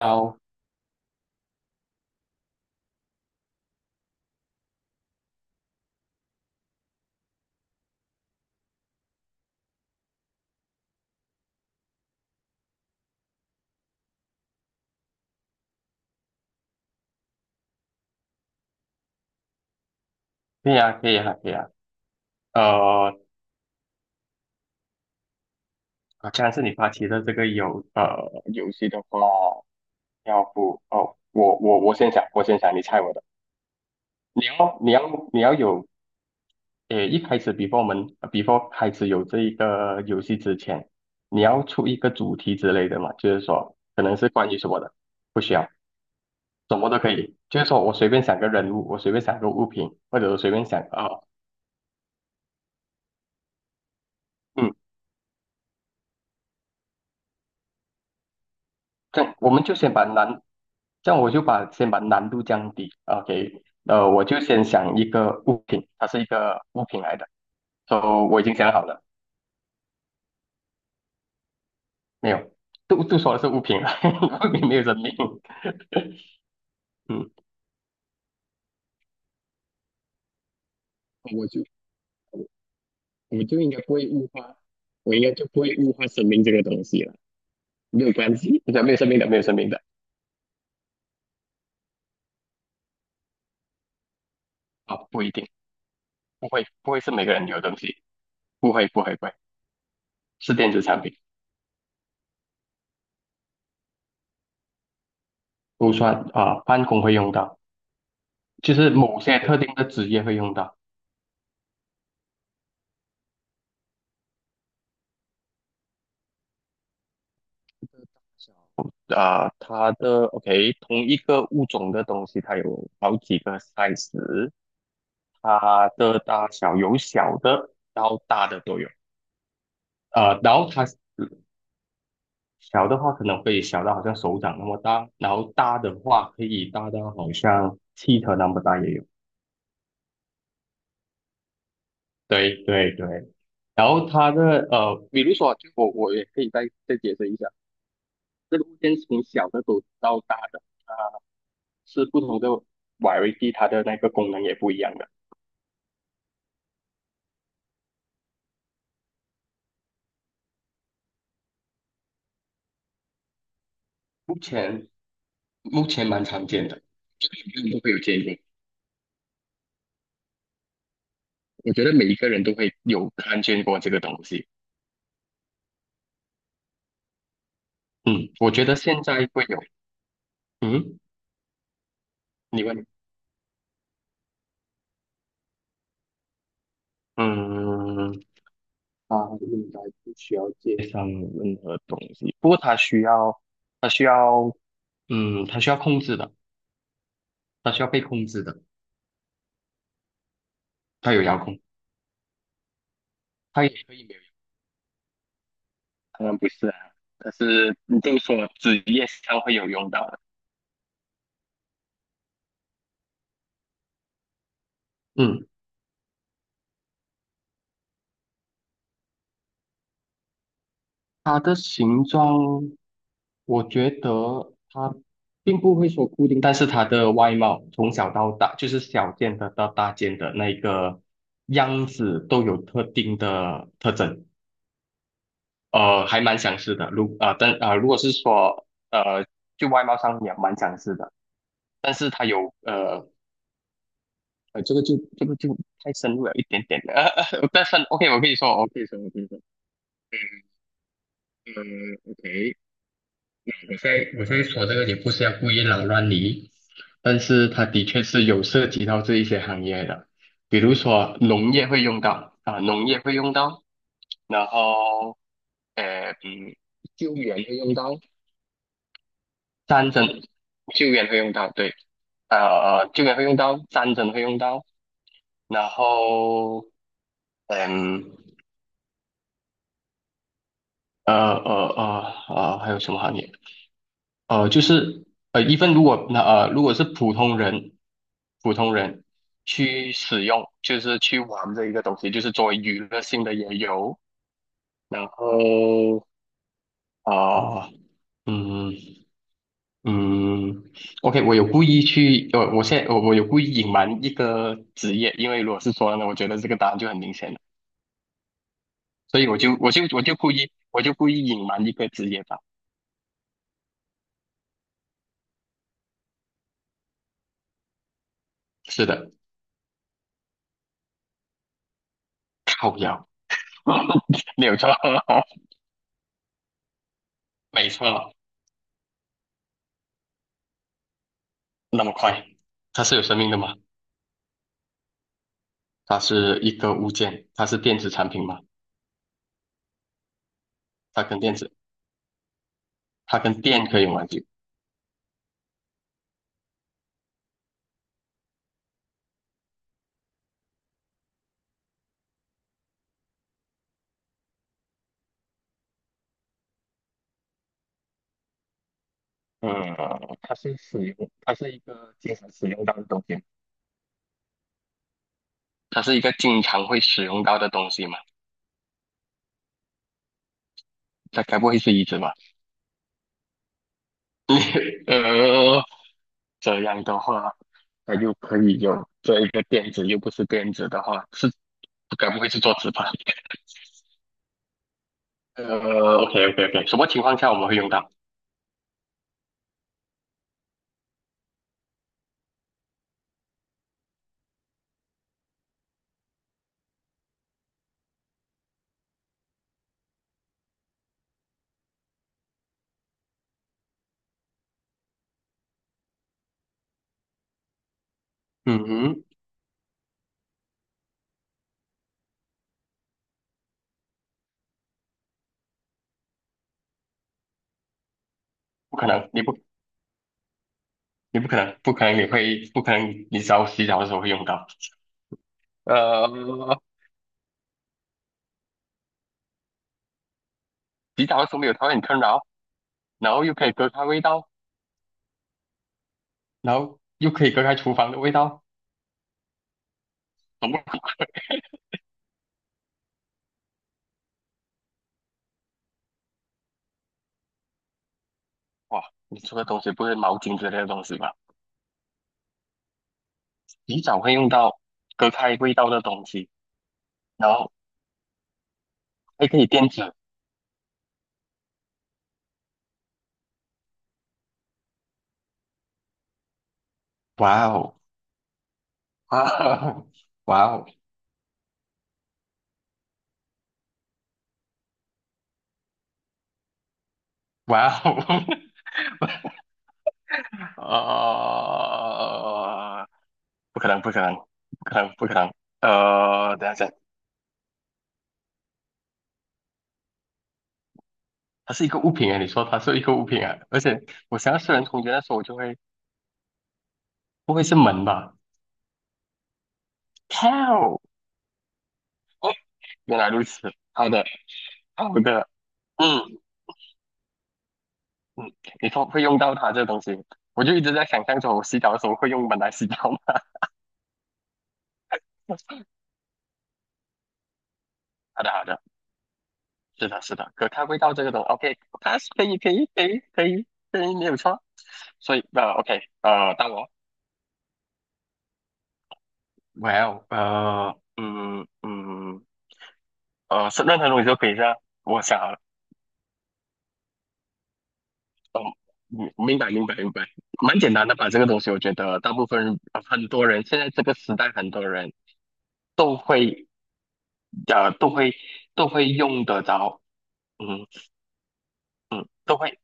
好，可以啊，可以啊，可以啊。呃，好像是你发起的这个游戏的话，要不哦，我先想，我先想，你猜我的。你要有，一开始 before 我们 before 开始有这一个游戏之前，你要出一个主题之类的嘛，就是说可能是关于什么的，不需要，什么都可以。就是说我随便想个人物，我随便想个物品，或者我随便想嗯，这我们就先把难这样我就先把难度降低，OK，我就先想一个物品，它是一个物品来的，so 我已经想好了。没有，都说的是物品了，物品没有生命。嗯，我就我就应该不会物化，我应该就不会物化生命这个东西了，没有关系，对，没有生命的，没有生命的。啊，不一定，不会，不会是每个人有的东西。不会，不会，不会，是电子产品。不算啊，办公会用到，就是某些特定的职业会用到。小啊，它的 OK，同一个物种的东西，它有好几个 size，它的大小有小的到大的都有。然后它小的话可能会小到好像手掌那么大，然后大的话可以大到好像汽车那么大也有。对对对，然后它的比如说，就我也可以再解释一下，这个物件从小的都到大的，啊，是不同的 variety，它的那个功能也不一样的。目前目前蛮常见的，就是每个人都会有见过。我觉得每一个人都会有看见过这个东西。嗯，我觉得现在会有。嗯，你问。嗯，他应该不需要介绍任何东西，不过他需要，他需要，嗯，他需要控制的，他需要被控制的。他有遥控，他也可以没有遥控。当然不是啊，但是你这么说，职业上会有用到的。嗯。它的形状，我觉得它并不会说固定，但是它的外貌从小到大，就是小件的到大件的那个样子都有特定的特征，还蛮相似的。如啊、呃，但啊、呃，如果是说,就外貌上也蛮相似的。但是它有这个就太深入了一点点了。但是 OK，我可以说，我可以说，我可以说。呃，OK，我现在我现在说这个也不是要故意扰乱你，但是它的确是有涉及到这一些行业的，比如说农业会用到啊，农业会用到，然后呃嗯，救援会用到。战争救援会用到，对，救援会用到，战争会用到，然后嗯还有什么行业？呃，就是呃，一份如果那呃，如果是普通人，普通人去使用，就是去玩这一个东西，就是作为娱乐性的也有。然后啊、嗯嗯，OK，我有故意去，呃，我现在我有故意隐瞒一个职业，因为如果是说呢，我觉得这个答案就很明显了，所以我就故意故意隐瞒一个职业吧。是的，靠腰，没有错，没错。那么快？它是有生命的吗？它是一个物件，它是电子产品吗？它跟电子，它跟电可以有关系。嗯，它是一个经常使用到的东西吗？它是一个经常会使用到的东西嘛？它该不会是椅子吧？呃，这样的话，它又可以有这一个电子，又不是电子的话，是该不会是桌子吧？呃，OK OK OK，什么情况下我们会用到？嗯哼，不可能，你不。你不可能，不可能你会，不可能你只要洗澡的时候会用到。呃，洗澡的时候没有它会很困扰，然后又可以隔开味道，然后又可以隔开厨房的味道，懂不懂？哇，你说的东西不是毛巾之类的东西吧？洗澡会用到隔开味道的东西，然后还可以垫纸。哇哦，哇哦，哇哦，哇哦，呃，不可能，不可能，不可能，不可能。等一下。它是一个物品哎，你说它是一个物品啊，而且我想要四人同居的时候，我就会不会是门吧？靠！哦，原来如此，好的好的，嗯嗯，你说会用到它这个东西，我就一直在想象着我洗澡的时候会用门来洗澡吗？好的好的，是的是的，可它味道这个东，OK，它是可以可以没有错。所以OK 到我，Well 是任何东西都可以是吧？我想好了。哦，嗯明白明白明白。蛮简单的吧？这个东西，我觉得大部分人呃很多人现在这个时代，很多人都会呃都会都会用得着。嗯，都会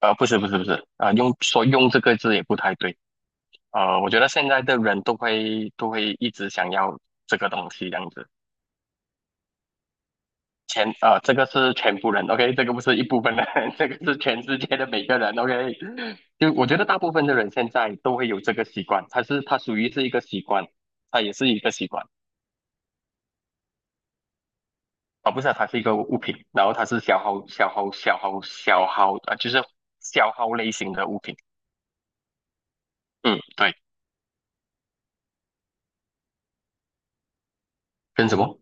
不是，用说用这个字也不太对，我觉得现在的人都会一直想要这个东西这样子。这个是全部人，OK，这个不是一部分人，这个是全世界的每个人，OK。就我觉得大部分的人现在都会有这个习惯，它是它属于是一个习惯，它也是一个习惯啊，不是啊它是一个物品，然后它是消耗啊，就是消耗类型的物品。嗯，对，跟什么？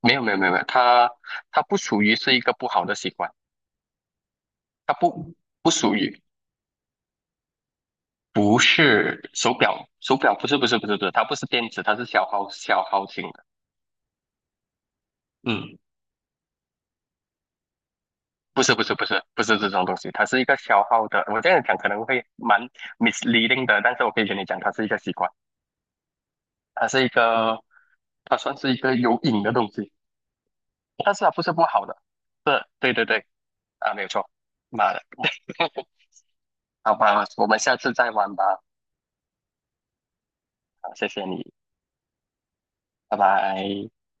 没有没有，它不属于是一个不好的习惯，它不不属于。不是手表，手表不是不是，它不是电子，它是消耗型的。嗯，不是不是这种东西，它是一个消耗的。我这样讲可能会蛮 misleading 的，但是我可以跟你讲，它是一个习惯，它是一个，它算是一个有瘾的东西，但是它不是不好的。对对对，啊，没有错。妈的，好吧，我们下次再玩吧。好，谢谢你，拜拜。